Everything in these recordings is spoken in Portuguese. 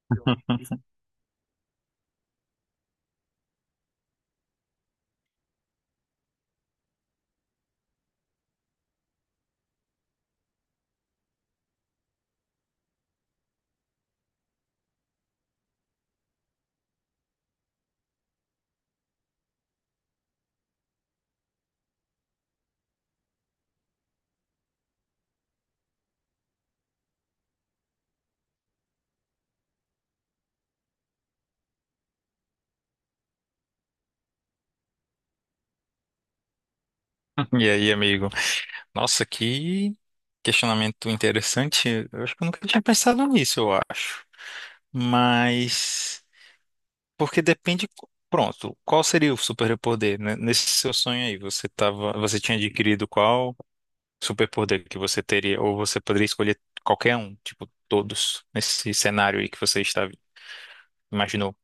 E aí, amigo? Nossa, que questionamento interessante. Eu acho que eu nunca tinha pensado nisso, eu acho. Mas porque depende, pronto, qual seria o superpoder, né? Nesse seu sonho aí, você tinha adquirido qual superpoder que você teria, ou você poderia escolher qualquer um, tipo todos nesse cenário aí que você estava imaginou?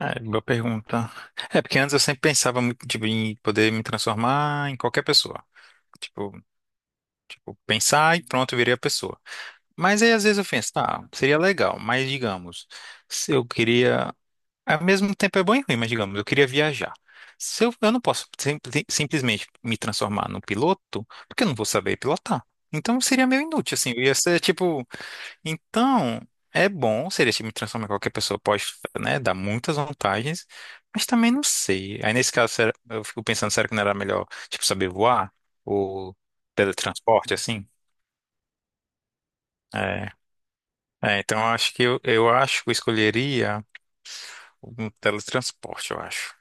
É, boa pergunta. É, porque antes eu sempre pensava muito, tipo, em poder me transformar em qualquer pessoa. Tipo. Vou pensar e pronto, eu virei a pessoa. Mas aí às vezes eu penso, tá, seria legal, mas digamos, se eu queria. Ao mesmo tempo é bom e ruim, mas digamos, eu queria viajar. Se eu, eu não posso simplesmente me transformar num piloto, porque eu não vou saber pilotar. Então seria meio inútil, assim, eu ia ser tipo. Então, é bom, seria se me transformar em qualquer pessoa, pode, né, dar muitas vantagens, mas também não sei. Aí nesse caso, eu fico pensando, será que não era melhor, tipo, saber voar? Ou teletransporte, assim? É, então eu acho que eu escolheria um teletransporte, eu acho.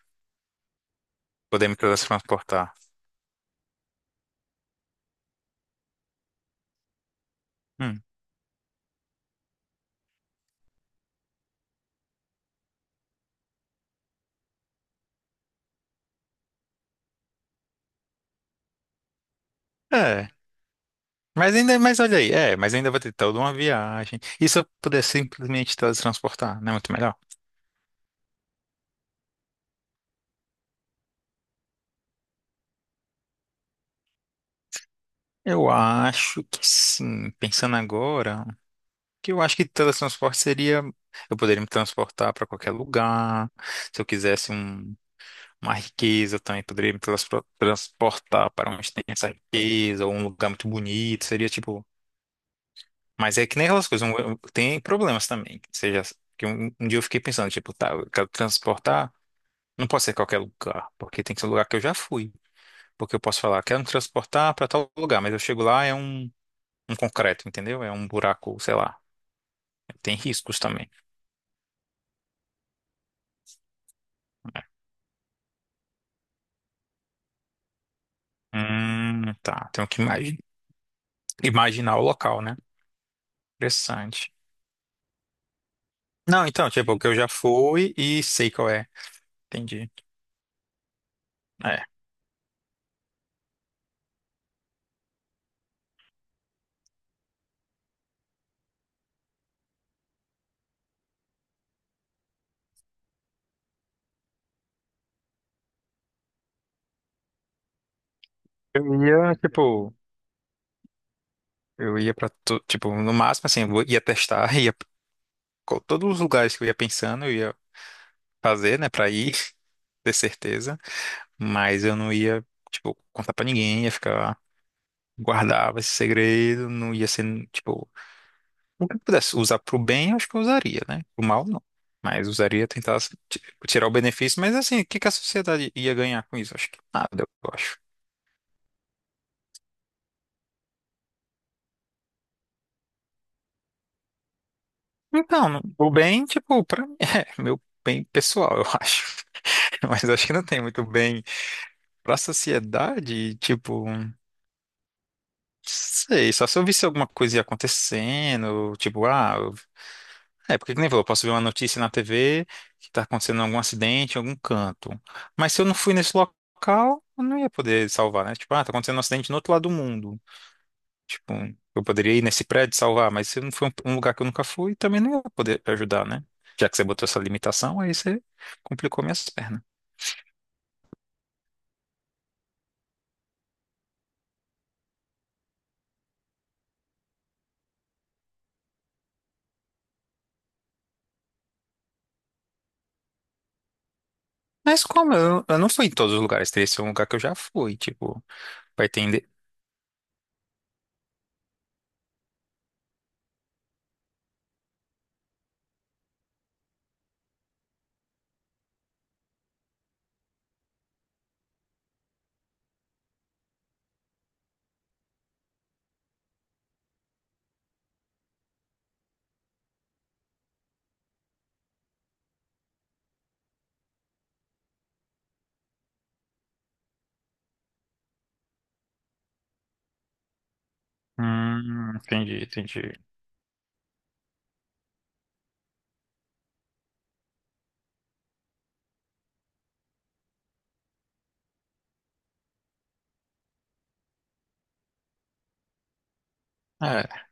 Poder me teletransportar. Hum, É, mas ainda, mas olha aí, é, mas ainda vou ter toda uma viagem. E se eu puder simplesmente teletransportar, não é muito melhor? Eu acho que sim, pensando agora, que eu acho que teletransporte seria, eu poderia me transportar para qualquer lugar. Se eu quisesse uma riqueza, eu também poderia me transportar para onde tem essa riqueza, ou um lugar muito bonito. Seria tipo. Mas é que nem aquelas coisas, tem problemas também. Ou seja, que um dia eu fiquei pensando, tipo, tá, eu quero transportar, não pode ser qualquer lugar, porque tem que ser um lugar que eu já fui. Porque eu posso falar, quero me transportar para tal lugar, mas eu chego lá, é um, um concreto, entendeu? É um buraco, sei lá. Tem riscos também, né? Tá, imaginar o local, né? Interessante. Não, então, tipo, que eu já fui e sei qual é. Entendi. É. Eu ia, tipo, eu ia pra, tipo, no máximo, assim, eu ia testar, todos os lugares que eu ia pensando, eu ia fazer, né, pra ir, ter certeza, mas eu não ia, tipo, contar pra ninguém, ia ficar, guardava esse segredo, não ia ser, tipo, o que eu pudesse usar pro bem, eu acho que eu usaria, né? Pro mal, não. Mas usaria tentar ti- tirar o benefício, mas assim, o que que a sociedade ia ganhar com isso? Acho que nada, eu acho. Então, o bem, tipo, pra mim, é meu bem pessoal, eu acho. Mas acho que não tem muito bem pra sociedade, tipo. Sei, só se eu visse alguma coisa ia acontecendo, tipo, ah, é, porque que nem falou, eu posso ver uma notícia na TV que tá acontecendo algum acidente em algum canto. Mas se eu não fui nesse local, eu não ia poder salvar, né? Tipo, ah, tá acontecendo um acidente no outro lado do mundo. Tipo, eu poderia ir nesse prédio salvar, mas se eu não for um lugar que eu nunca fui, também não ia poder ajudar, né? Já que você botou essa limitação, aí você complicou minhas pernas. Mas como? Eu não fui em todos os lugares, teria que ser um lugar que eu já fui, tipo, vai ter... entendi, entendi. É.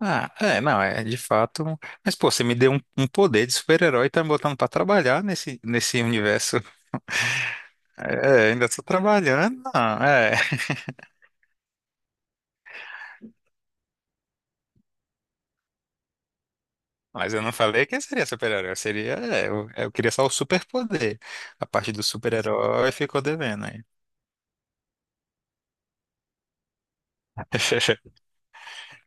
Ah, é, não, é de fato. Mas, pô, você me deu um poder de super-herói e tá me botando pra trabalhar nesse, nesse universo. É, ainda tô trabalhando, não, é. Mas eu não falei quem seria super-herói, eu seria. É, eu queria só o super-poder. A parte do super-herói ficou devendo aí.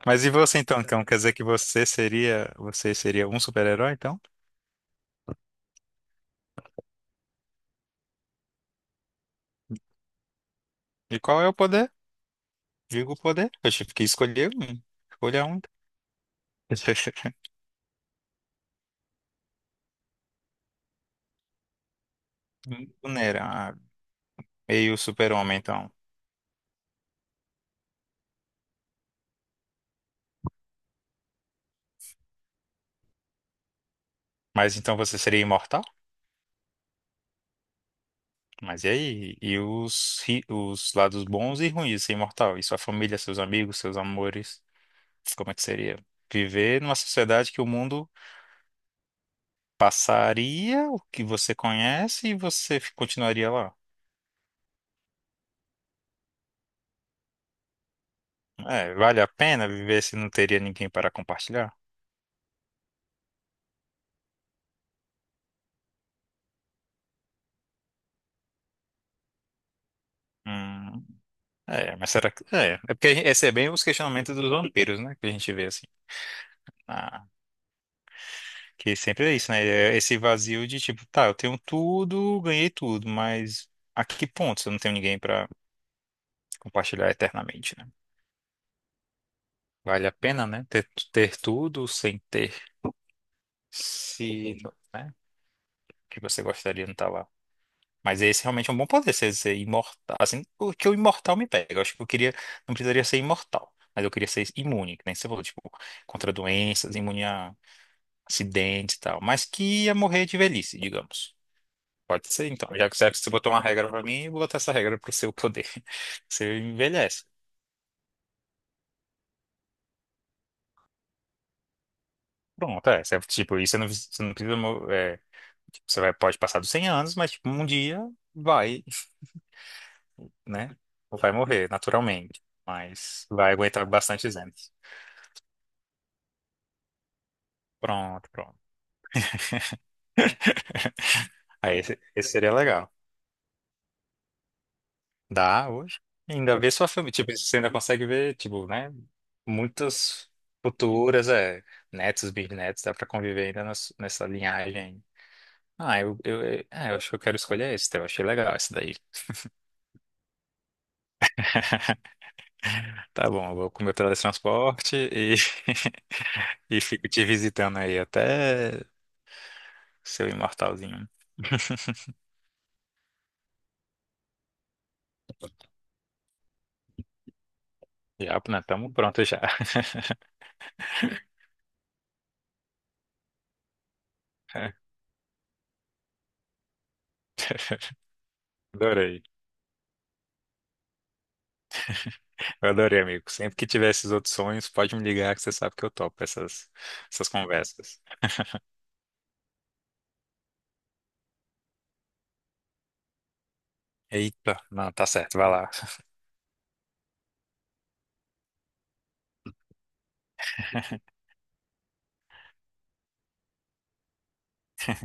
Mas e você então, então? Quer dizer que você seria. Você seria um super-herói, então? E qual é o poder? Digo o poder. Eu tive que escolher um. Escolha um. Vulnerável. Meio super-homem, então. Mas então você seria imortal? Mas e aí? E os, os lados bons e ruins de ser imortal? E sua família, seus amigos, seus amores? Como é que seria? Viver numa sociedade que o mundo passaria o que você conhece e você continuaria lá. É, vale a pena viver se não teria ninguém para compartilhar? Hum, é, mas será que. É, é porque esse é bem os questionamentos dos vampiros, né? Que a gente vê assim. Porque sempre é isso, né? É. Esse vazio de tipo, tá, eu tenho tudo, ganhei tudo, mas a que ponto se eu não tenho ninguém pra compartilhar eternamente, né? Vale a pena, né? Ter tudo sem ter. Se, né? O que você gostaria não tá lá. Mas esse realmente é um bom poder, ser imortal. Assim, o que o imortal me pega. Eu acho que eu queria, não precisaria ser imortal, mas eu queria ser imune, que nem você falou, tipo, contra doenças, imune a acidentes e tal. Mas que ia morrer de velhice, digamos. Pode ser, então. Já que você botou uma regra pra mim, eu vou botar essa regra pro seu poder. Você envelhece. Pronto, é. Você, tipo, isso você não precisa. É, tipo, você vai, pode passar dos 100 anos, mas tipo, um dia vai, né? Vai morrer, naturalmente. Mas vai aguentar bastante anos. Pronto, pronto. Aí esse seria legal. Dá hoje. Ainda vê sua família. Tipo, você ainda consegue ver, tipo, né? Muitas futuras, é, netos, bisnetos, dá pra conviver ainda nessa linhagem. Ah, é, eu acho que eu quero escolher esse, eu achei legal esse daí. Tá bom, eu vou com o meu teletransporte e, e fico te visitando aí até seu imortalzinho. Já, né? Tamo pronto já. Adorei. Eu adorei, amigo. Sempre que tiver esses outros sonhos, pode me ligar que você sabe que eu topo essas, essas conversas. Eita, não, tá certo, vai lá.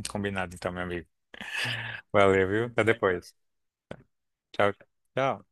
Combinado então, meu amigo. Valeu, viu? Até depois. Tchau. Tchau.